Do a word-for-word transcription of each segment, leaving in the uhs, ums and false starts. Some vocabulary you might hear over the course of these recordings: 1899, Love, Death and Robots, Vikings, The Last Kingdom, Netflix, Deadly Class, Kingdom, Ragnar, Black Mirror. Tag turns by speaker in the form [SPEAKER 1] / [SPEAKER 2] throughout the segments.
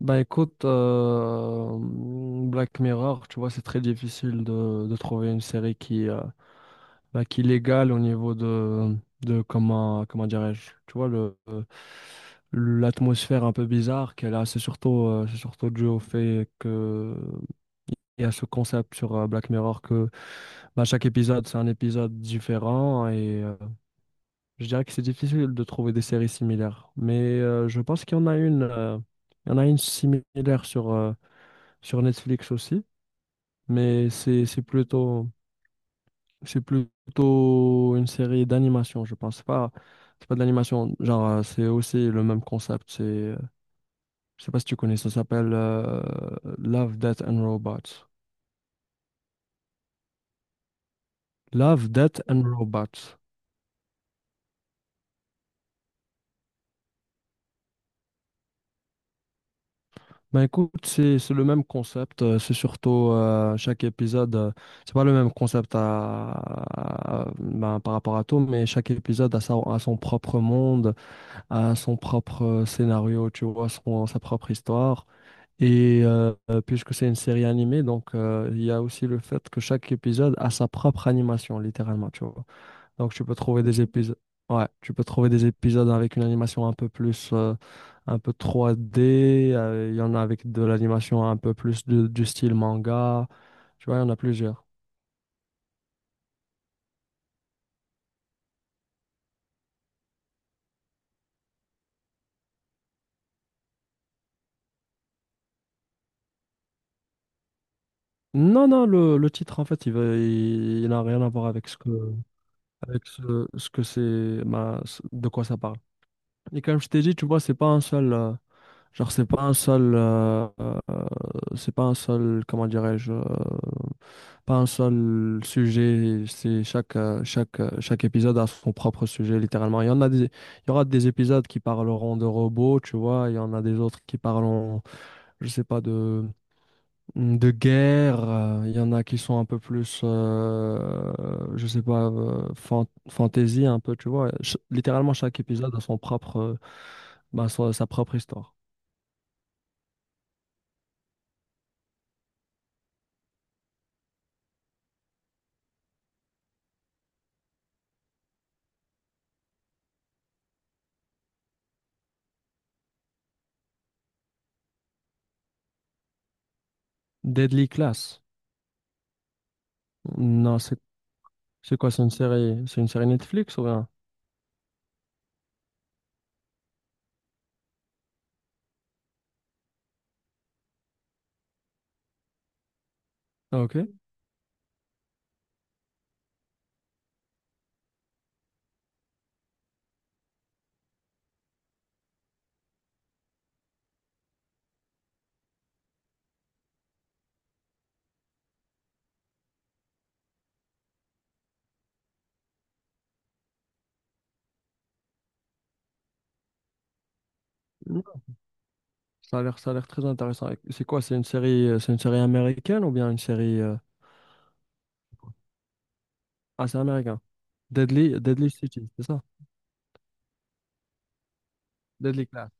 [SPEAKER 1] Bah écoute, euh, Black Mirror, tu vois, c'est très difficile de, de trouver une série qui, euh, bah, qui l'égale au niveau de, de comment, comment dirais-je, tu vois, le, l'atmosphère un peu bizarre qu'elle a. C'est surtout, euh, c'est surtout dû au fait que, et à ce concept sur euh, Black Mirror que bah, chaque épisode, c'est un épisode différent et euh, je dirais que c'est difficile de trouver des séries similaires. Mais euh, je pense qu'il y en a une, euh, il y en a une similaire sur. euh, sur Netflix aussi, mais c'est c'est plutôt c'est plutôt une série d'animation, je pense pas. C'est pas de l'animation, genre euh, c'est aussi le même concept. C'est, euh, je sais pas si tu connais, ça s'appelle euh, Love, Death and Robots. Love, Death and Robots. Ben écoute, c'est c'est le même concept. euh, C'est surtout euh, chaque épisode, euh, c'est pas le même concept à, à- ben, par rapport à tout, mais chaque épisode a, sa- a son propre monde. À son propre euh, scénario, tu vois, son, sa propre histoire. Et euh, euh, puisque c'est une série animée, donc euh, il y a aussi le fait que chaque épisode a sa propre animation, littéralement, tu vois. Donc tu peux trouver des épisodes, ouais, tu peux trouver des épisodes avec une animation un peu plus, euh, un peu trois D. euh, Il y en a avec de l'animation un peu plus de- du style manga. Tu vois, il y en a plusieurs. Non, non, le, le titre, en fait, il veut, il, il n'a rien à voir avec ce que, avec ce, ce que c'est, ma- ce- de quoi ça parle. Et comme je t'ai dit, tu vois, c'est pas un seul, euh, genre, c'est pas un seul, euh, euh, c'est pas un seul, comment dirais-je, euh, pas un seul sujet. C'est chaque, euh, chaque, euh, chaque épisode a son propre sujet, littéralement. Il y en a des, il y aura des épisodes qui parleront de robots, tu vois. Il y en a des autres qui parleront, je sais pas, de, Mm, De guerre, euh, il y en a qui sont un peu plus, euh, je sais pas, euh, fan- fantasy un peu, tu vois. Ch- littéralement, chaque épisode a son propre, euh, bah, sa, sa propre histoire. Deadly Class. Non, c'est c'est quoi? C'est une série, c'est une série Netflix ou rien? Ah, ok. Non, Ça a l'air, ça a l'air très intéressant. Et c'est quoi? C'est une série, euh, c'est une série américaine ou bien une série, euh, ah, c'est américain. Deadly, Deadly City, c'est ça? Deadly Class.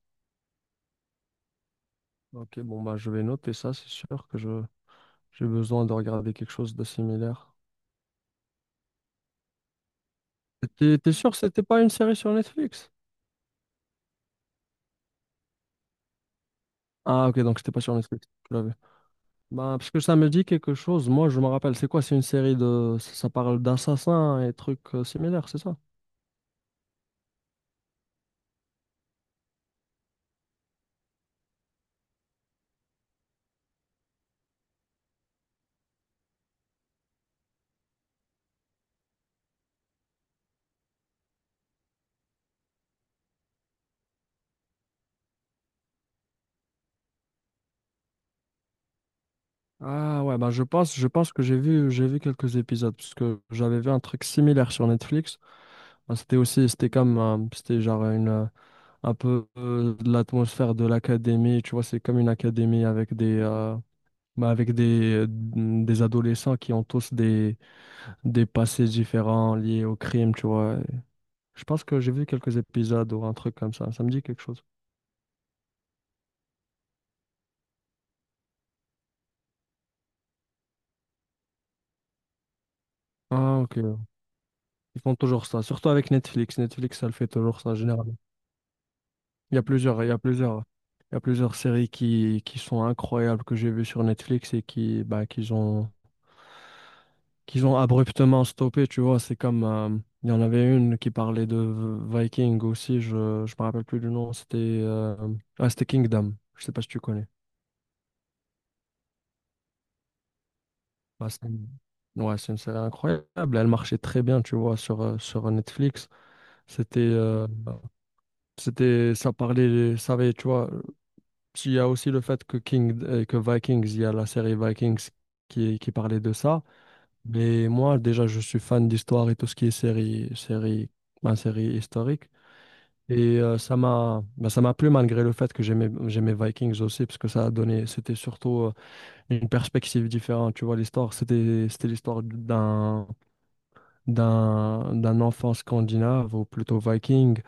[SPEAKER 1] Ok, bon bah je vais noter ça, c'est sûr que je j'ai besoin de regarder quelque chose de similaire. T'es t'es sûr que c'était pas une série sur Netflix? Ah, ok, donc c'était pas sur Netflix. Je l'avais. Bah, parce que ça me dit quelque chose. Moi, je me rappelle. C'est quoi? C'est une série de. Ça, ça parle d'assassins et trucs euh, similaires, c'est ça? Ah ouais, bah je pense, je pense que j'ai vu, j'ai vu quelques épisodes parce que j'avais vu un truc similaire sur Netflix. Bah, c'était aussi, c'était comme, euh, c'était genre une, euh, un peu euh, de l'atmosphère de l'académie. Tu vois, c'est comme une académie avec des, euh, mais avec des, des adolescents qui ont tous des, des passés différents liés au crime, tu vois. Je pense que j'ai vu quelques épisodes ou un truc comme ça. Ça me dit quelque chose. Ah, ok. Ils font toujours ça. Surtout avec Netflix. Netflix, ça le fait toujours ça, généralement. Il y a plusieurs, il y a plusieurs, il y a plusieurs séries qui, qui sont incroyables que j'ai vues sur Netflix et qui, bah, qu'ils ont, qu'ils ont abruptement stoppé, tu vois. C'est comme, euh, il y en avait une qui parlait de Viking aussi, je, je me rappelle plus du nom, c'était euh, ah, c'était Kingdom, je sais pas si tu connais. Ah, c'est une- ouais, c'est une série incroyable, elle marchait très bien, tu vois, sur, euh, sur Netflix. C'était, euh, c'était, ça parlait, ça avait, tu vois, il y a aussi le fait que King, euh, que Vikings, il y a la série Vikings qui, qui parlait de ça. Mais moi, déjà, je suis fan d'histoire et tout ce qui est série, série, ma série historique. Et euh, ça m'a bah, ça m'a plu malgré le fait que j'aimais j'aimais Vikings aussi parce que ça a donné c'était surtout euh, une perspective différente, tu vois, l'histoire, c'était c'était l'histoire d'un d'un d'un enfant scandinave ou plutôt viking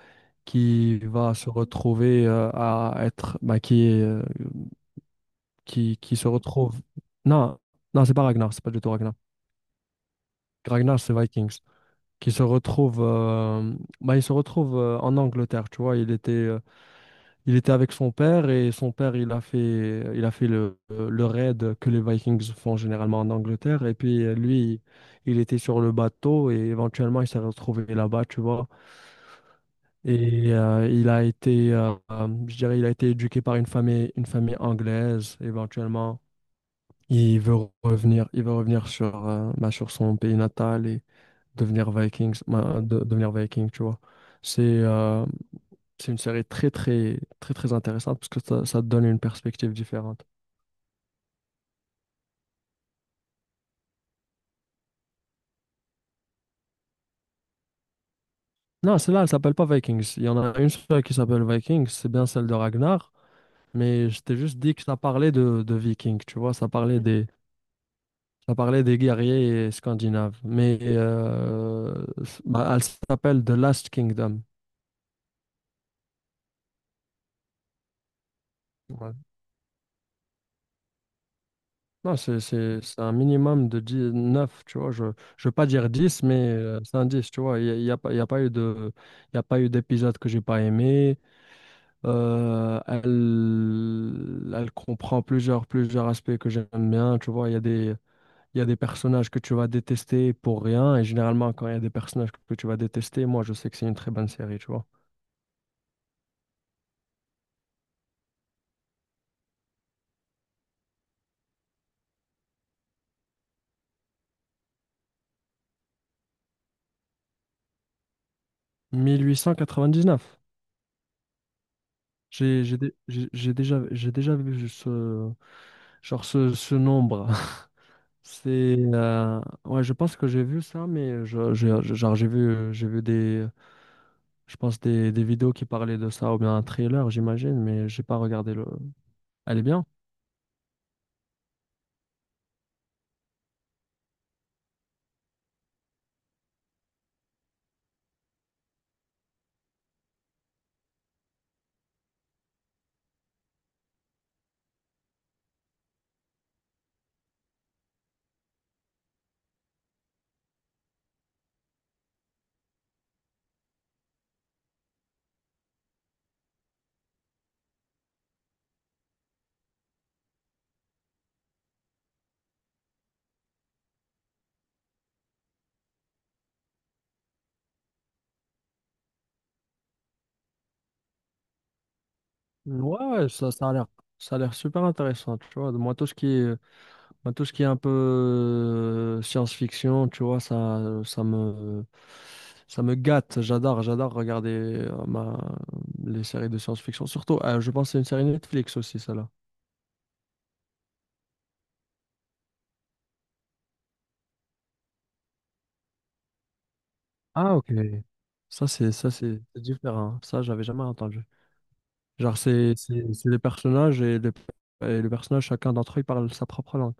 [SPEAKER 1] qui va se retrouver euh, à être bah, qui est, euh, qui qui se retrouve. Non, non, c'est pas Ragnar, c'est pas du tout Ragnar. Ragnar, c'est Vikings. Qui se retrouve euh, Bah, il se retrouve euh, en Angleterre, tu vois, il était euh, Il était avec son père, et son père, il a fait, il a fait le, le raid que les Vikings font généralement en Angleterre. Et puis euh, lui, il était sur le bateau et éventuellement, il s'est retrouvé là-bas, tu vois. Et euh, il a été, euh, euh, je dirais, il a été éduqué par une famille, une famille anglaise. Éventuellement, il veut revenir, il veut revenir sur, euh, bah, sur son pays natal et devenir Vikings, bah, de- devenir Viking, tu vois. C'est, euh, c'est une série très, très, très, très intéressante parce que ça, ça te donne une perspective différente. Non, celle-là, elle s'appelle pas Vikings. Il y en a une seule qui s'appelle Vikings, c'est bien celle de Ragnar, mais je t'ai juste dit que ça parlait de, de Vikings, tu vois, ça parlait des, ça parlait des guerriers scandinaves. Mais euh, c- bah, elle s'appelle The Last Kingdom. Ouais. Non, c'est, c'est, c'est un minimum de dix neuf, tu vois. Je ne veux pas dire dix, mais euh, c'est un dix, tu vois. Il n'y a, il y a pas, il y a pas eu de, il y a pas eu d'épisode que j'ai pas aimé. Euh, elle, elle comprend plusieurs, plusieurs aspects que j'aime bien. Tu vois, il y a des, il y a des personnages que tu vas détester pour rien. Et généralement, quand il y a des personnages que tu vas détester, moi, je sais que c'est une très bonne série, tu vois. mille huit cent quatre-vingt-dix-neuf. J'ai, j'ai, dé- j'ai j'ai déjà, J'ai déjà vu ce, genre ce, ce nombre. C'est, euh, ouais, je pense que j'ai vu ça, mais je, je- je, genre, j'ai vu, j'ai vu des, je pense des, des vidéos qui parlaient de ça ou bien un trailer, j'imagine, mais j'ai pas regardé le. Elle est bien. Ouais, ouais, ça, ça a l'air, ça a l'air super intéressant, tu vois. Moi, tout ce qui est, moi, tout ce qui est un peu euh, science-fiction, tu vois, ça, ça me, ça me gâte. J'adore, j'adore regarder euh, ma, les séries de science-fiction. Surtout, euh, je pense que c'est une série Netflix aussi, celle-là. Ah, ok. Ça, c'est, ça, c'est c'est différent, hein. Ça, j'avais jamais entendu. Genre, c'est, c'est, c'est les personnages et les, et les personnages, chacun d'entre eux, il parle sa propre langue.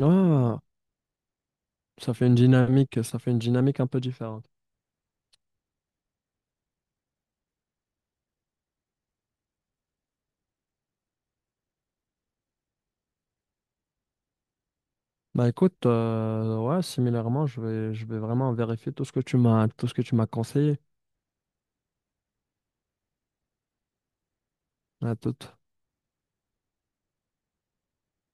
[SPEAKER 1] Ah, ça fait une dynamique, ça fait une dynamique un peu différente. Bah écoute, euh, ouais, similairement, je vais, je vais vraiment vérifier tout ce que tu m'as, tout ce que tu m'as conseillé. À toute.